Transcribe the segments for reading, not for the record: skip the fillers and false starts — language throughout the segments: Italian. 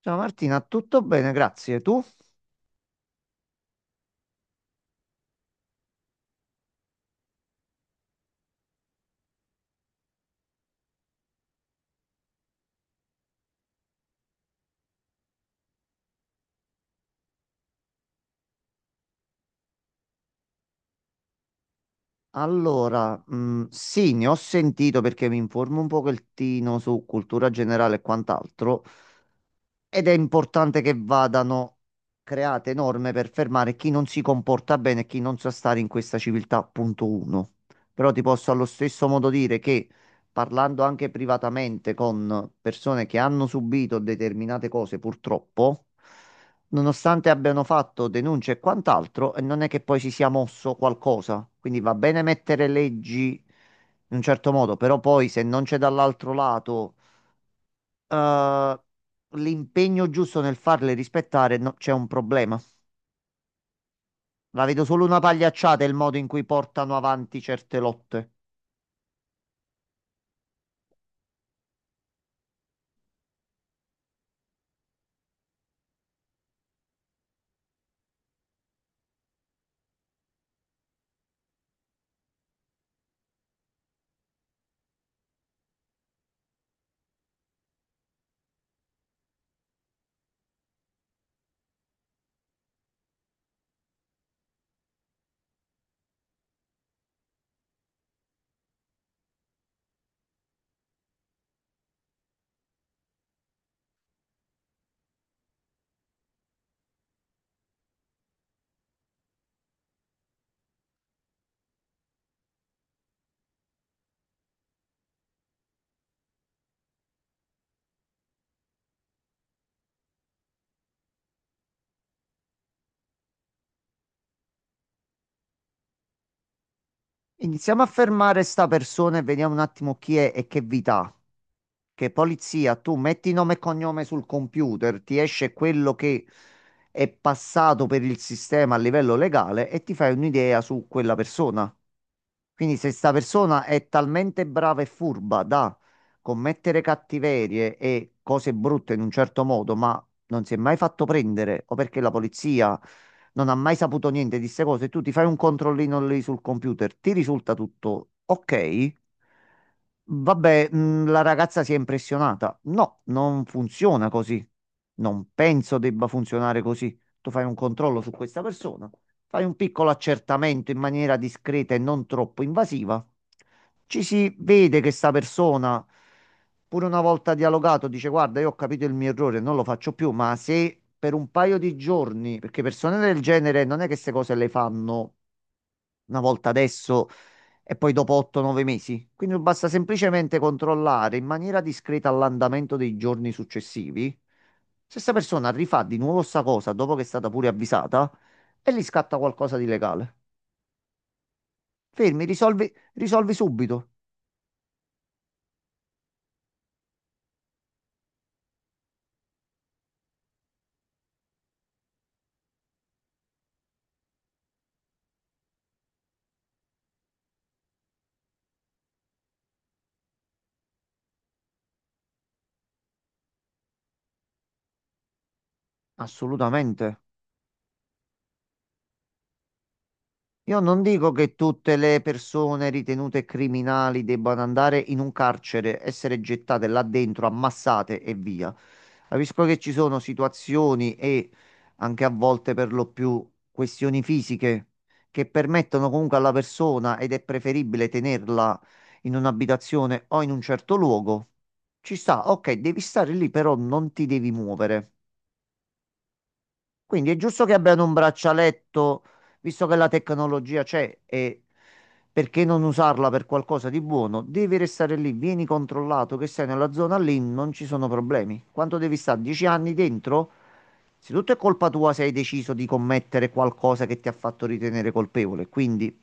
Ciao Martina, tutto bene, grazie. Tu? Allora, sì, ne ho sentito perché mi informo un pochettino su cultura generale e quant'altro, ed è importante che vadano create norme per fermare chi non si comporta bene e chi non sa stare in questa civiltà, punto uno. Però ti posso allo stesso modo dire che, parlando anche privatamente con persone che hanno subito determinate cose, purtroppo, nonostante abbiano fatto denunce e quant'altro, non è che poi si sia mosso qualcosa. Quindi va bene mettere leggi in un certo modo, però poi se non c'è dall'altro lato eh, l'impegno giusto nel farle rispettare, no, c'è un problema. La vedo solo una pagliacciata il modo in cui portano avanti certe lotte. Iniziamo a fermare sta persona e vediamo un attimo chi è e che vita ha. Che polizia, tu metti nome e cognome sul computer, ti esce quello che è passato per il sistema a livello legale e ti fai un'idea su quella persona. Quindi se sta persona è talmente brava e furba da commettere cattiverie e cose brutte in un certo modo, ma non si è mai fatto prendere, o perché la polizia non ha mai saputo niente di queste cose, tu ti fai un controllino lì sul computer, ti risulta tutto ok? Vabbè, la ragazza si è impressionata. No, non funziona così. Non penso debba funzionare così. Tu fai un controllo su questa persona, fai un piccolo accertamento in maniera discreta e non troppo invasiva. Ci si vede che sta persona, pure una volta dialogato, dice: "Guarda, io ho capito il mio errore, non lo faccio più." Ma se per un paio di giorni, perché persone del genere non è che queste cose le fanno una volta adesso e poi dopo 8-9 mesi. Quindi basta semplicemente controllare in maniera discreta l'andamento dei giorni successivi. Se questa persona rifà di nuovo sta cosa dopo che è stata pure avvisata, e gli scatta qualcosa di legale. Fermi, risolvi, risolvi subito. Assolutamente. Io non dico che tutte le persone ritenute criminali debbano andare in un carcere, essere gettate là dentro, ammassate e via. Capisco che ci sono situazioni e anche a volte per lo più questioni fisiche che permettono comunque alla persona ed è preferibile tenerla in un'abitazione o in un certo luogo. Ci sta, ok, devi stare lì, però non ti devi muovere. Quindi è giusto che abbiano un braccialetto, visto che la tecnologia c'è, e perché non usarla per qualcosa di buono? Devi restare lì, vieni controllato che sei nella zona lì, non ci sono problemi. Quanto devi stare? 10 anni dentro? Se tutto è colpa tua, se hai deciso di commettere qualcosa che ti ha fatto ritenere colpevole, quindi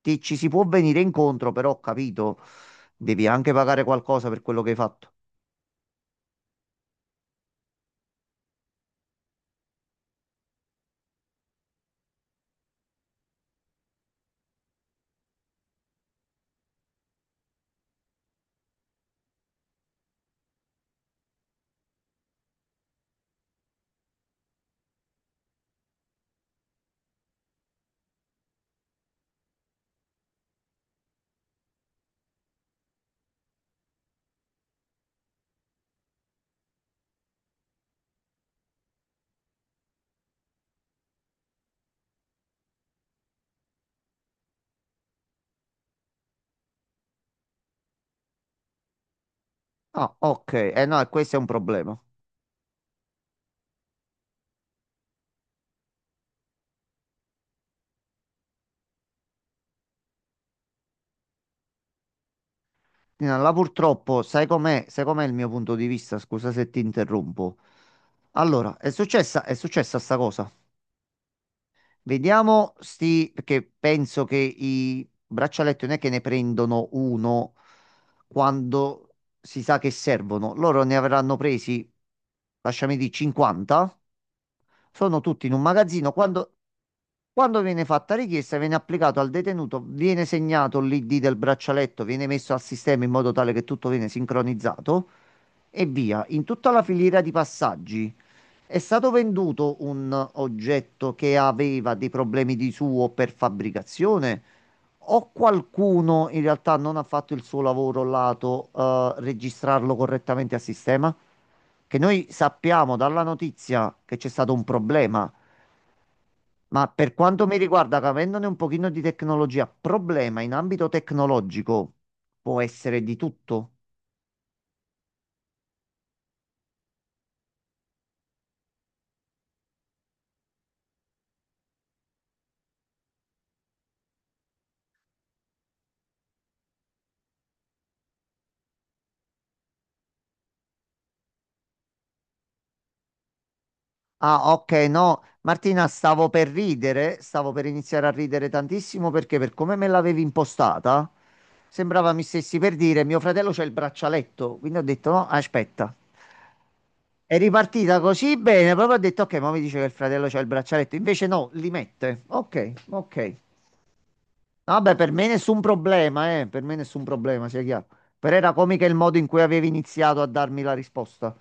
ci si può venire incontro, però ho capito, devi anche pagare qualcosa per quello che hai fatto. Ah, ok, eh no, e questo è un problema. Tina, là purtroppo, sai com'è il mio punto di vista? Scusa se ti interrompo. Allora, è successa sta cosa. Vediamo sti, perché penso che i braccialetti non è che ne prendono uno quando si sa che servono. Loro ne avranno presi, lasciami dire, 50. Sono tutti in un magazzino. Quando viene fatta richiesta, viene applicato al detenuto, viene segnato l'ID del braccialetto, viene messo al sistema in modo tale che tutto viene sincronizzato e via. In tutta la filiera di passaggi è stato venduto un oggetto che aveva dei problemi di suo per fabbricazione, o qualcuno in realtà non ha fatto il suo lavoro lato registrarlo correttamente a sistema? Che noi sappiamo dalla notizia che c'è stato un problema. Ma per quanto mi riguarda, che avendone un pochino di tecnologia, problema in ambito tecnologico può essere di tutto. Ah, ok, no, Martina, stavo per ridere, stavo per iniziare a ridere tantissimo perché per come me l'avevi impostata, sembrava mi stessi per dire mio fratello c'è il braccialetto, quindi ho detto no, aspetta. È ripartita così bene, proprio ho detto ok, ma mi dice che il fratello c'ha il braccialetto, invece no, li mette. Ok, ok. No, vabbè, per me nessun problema, per me nessun problema, sia chiaro. Però era comica il modo in cui avevi iniziato a darmi la risposta.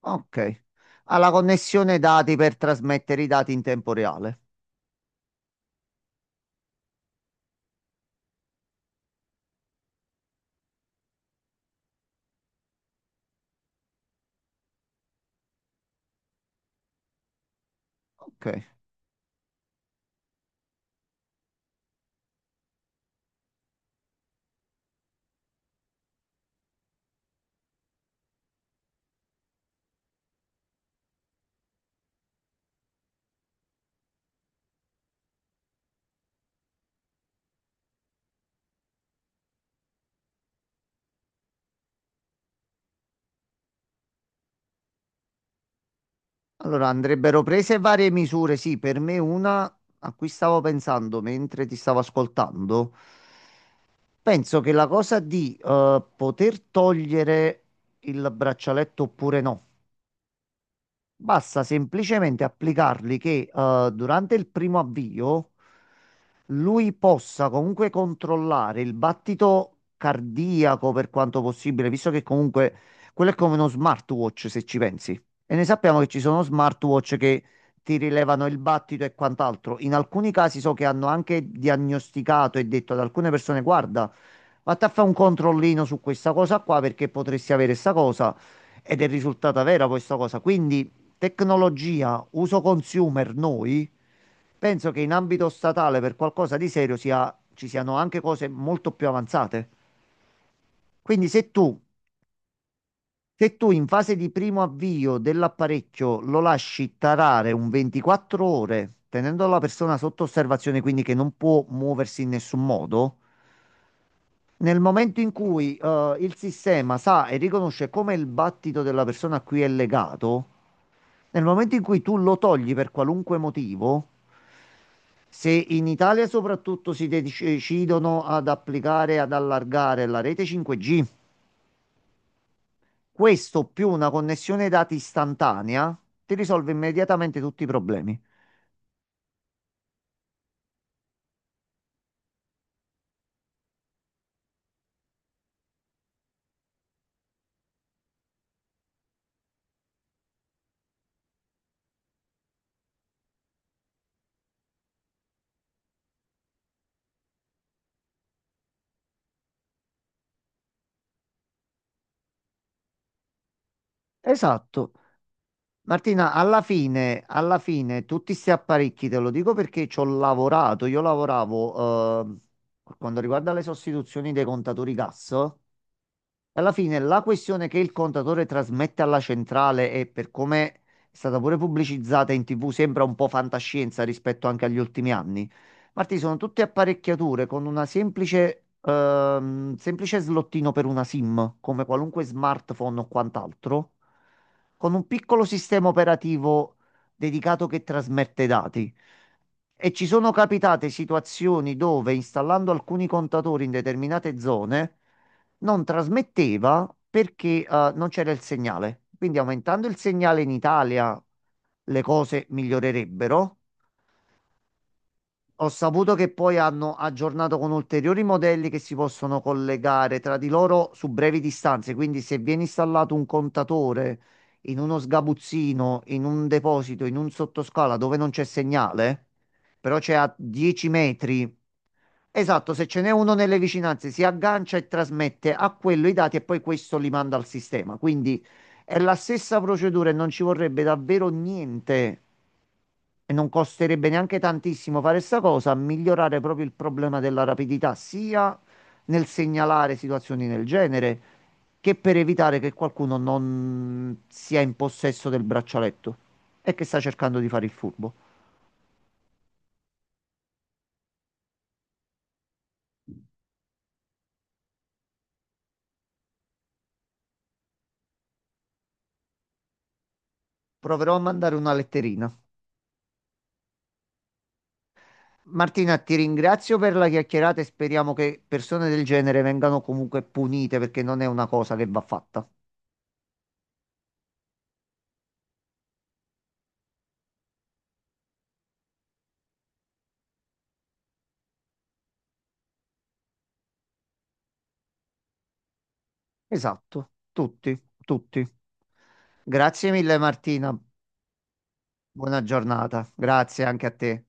Ok. Ha la connessione dati per trasmettere i dati in tempo reale. Ok. Allora andrebbero prese varie misure. Sì, per me una a cui stavo pensando mentre ti stavo ascoltando. Penso che la cosa di poter togliere il braccialetto oppure no. Basta semplicemente applicarli che durante il primo avvio lui possa comunque controllare il battito cardiaco per quanto possibile, visto che comunque quello è come uno smartwatch se ci pensi. E ne sappiamo che ci sono smartwatch che ti rilevano il battito e quant'altro. In alcuni casi so che hanno anche diagnosticato e detto ad alcune persone: "Guarda, vatti a fare un controllino su questa cosa qua perché potresti avere questa cosa." Ed è risultata vera questa cosa. Quindi tecnologia, uso consumer, noi, penso che in ambito statale per qualcosa di serio ci siano anche cose molto più avanzate. Quindi se tu, se tu in fase di primo avvio dell'apparecchio lo lasci tarare un 24 ore, tenendo la persona sotto osservazione, quindi che non può muoversi in nessun modo. Nel momento in cui il sistema sa e riconosce come il battito della persona a cui è legato, nel momento in cui tu lo togli per qualunque motivo, se in Italia soprattutto si decidono ad applicare, ad allargare la rete 5G, questo più una connessione dati istantanea ti risolve immediatamente tutti i problemi. Esatto, Martina, alla fine, tutti questi apparecchi, te lo dico perché ci ho lavorato, io lavoravo, per quanto riguarda le sostituzioni dei contatori gas, alla fine la questione che il contatore trasmette alla centrale e per come è stata pure pubblicizzata in TV sembra un po' fantascienza rispetto anche agli ultimi anni. Marti, sono tutte apparecchiature con una semplice, semplice slottino per una SIM, come qualunque smartphone o quant'altro, con un piccolo sistema operativo dedicato che trasmette dati. E ci sono capitate situazioni dove installando alcuni contatori in determinate zone non trasmetteva perché non c'era il segnale. Quindi aumentando il segnale in Italia le cose migliorerebbero, ho saputo che poi hanno aggiornato con ulteriori modelli che si possono collegare tra di loro su brevi distanze, quindi se viene installato un contatore in uno sgabuzzino, in un deposito, in un sottoscala dove non c'è segnale, però c'è a 10 metri, esatto, se ce n'è uno nelle vicinanze si aggancia e trasmette a quello i dati e poi questo li manda al sistema. Quindi è la stessa procedura e non ci vorrebbe davvero niente e non costerebbe neanche tantissimo fare sta cosa, migliorare proprio il problema della rapidità, sia nel segnalare situazioni del genere, che per evitare che qualcuno non sia in possesso del braccialetto e che sta cercando di fare il furbo. Proverò a mandare una letterina. Martina, ti ringrazio per la chiacchierata e speriamo che persone del genere vengano comunque punite perché non è una cosa che va fatta. Esatto, tutti, tutti. Grazie mille Martina. Buona giornata, grazie anche a te.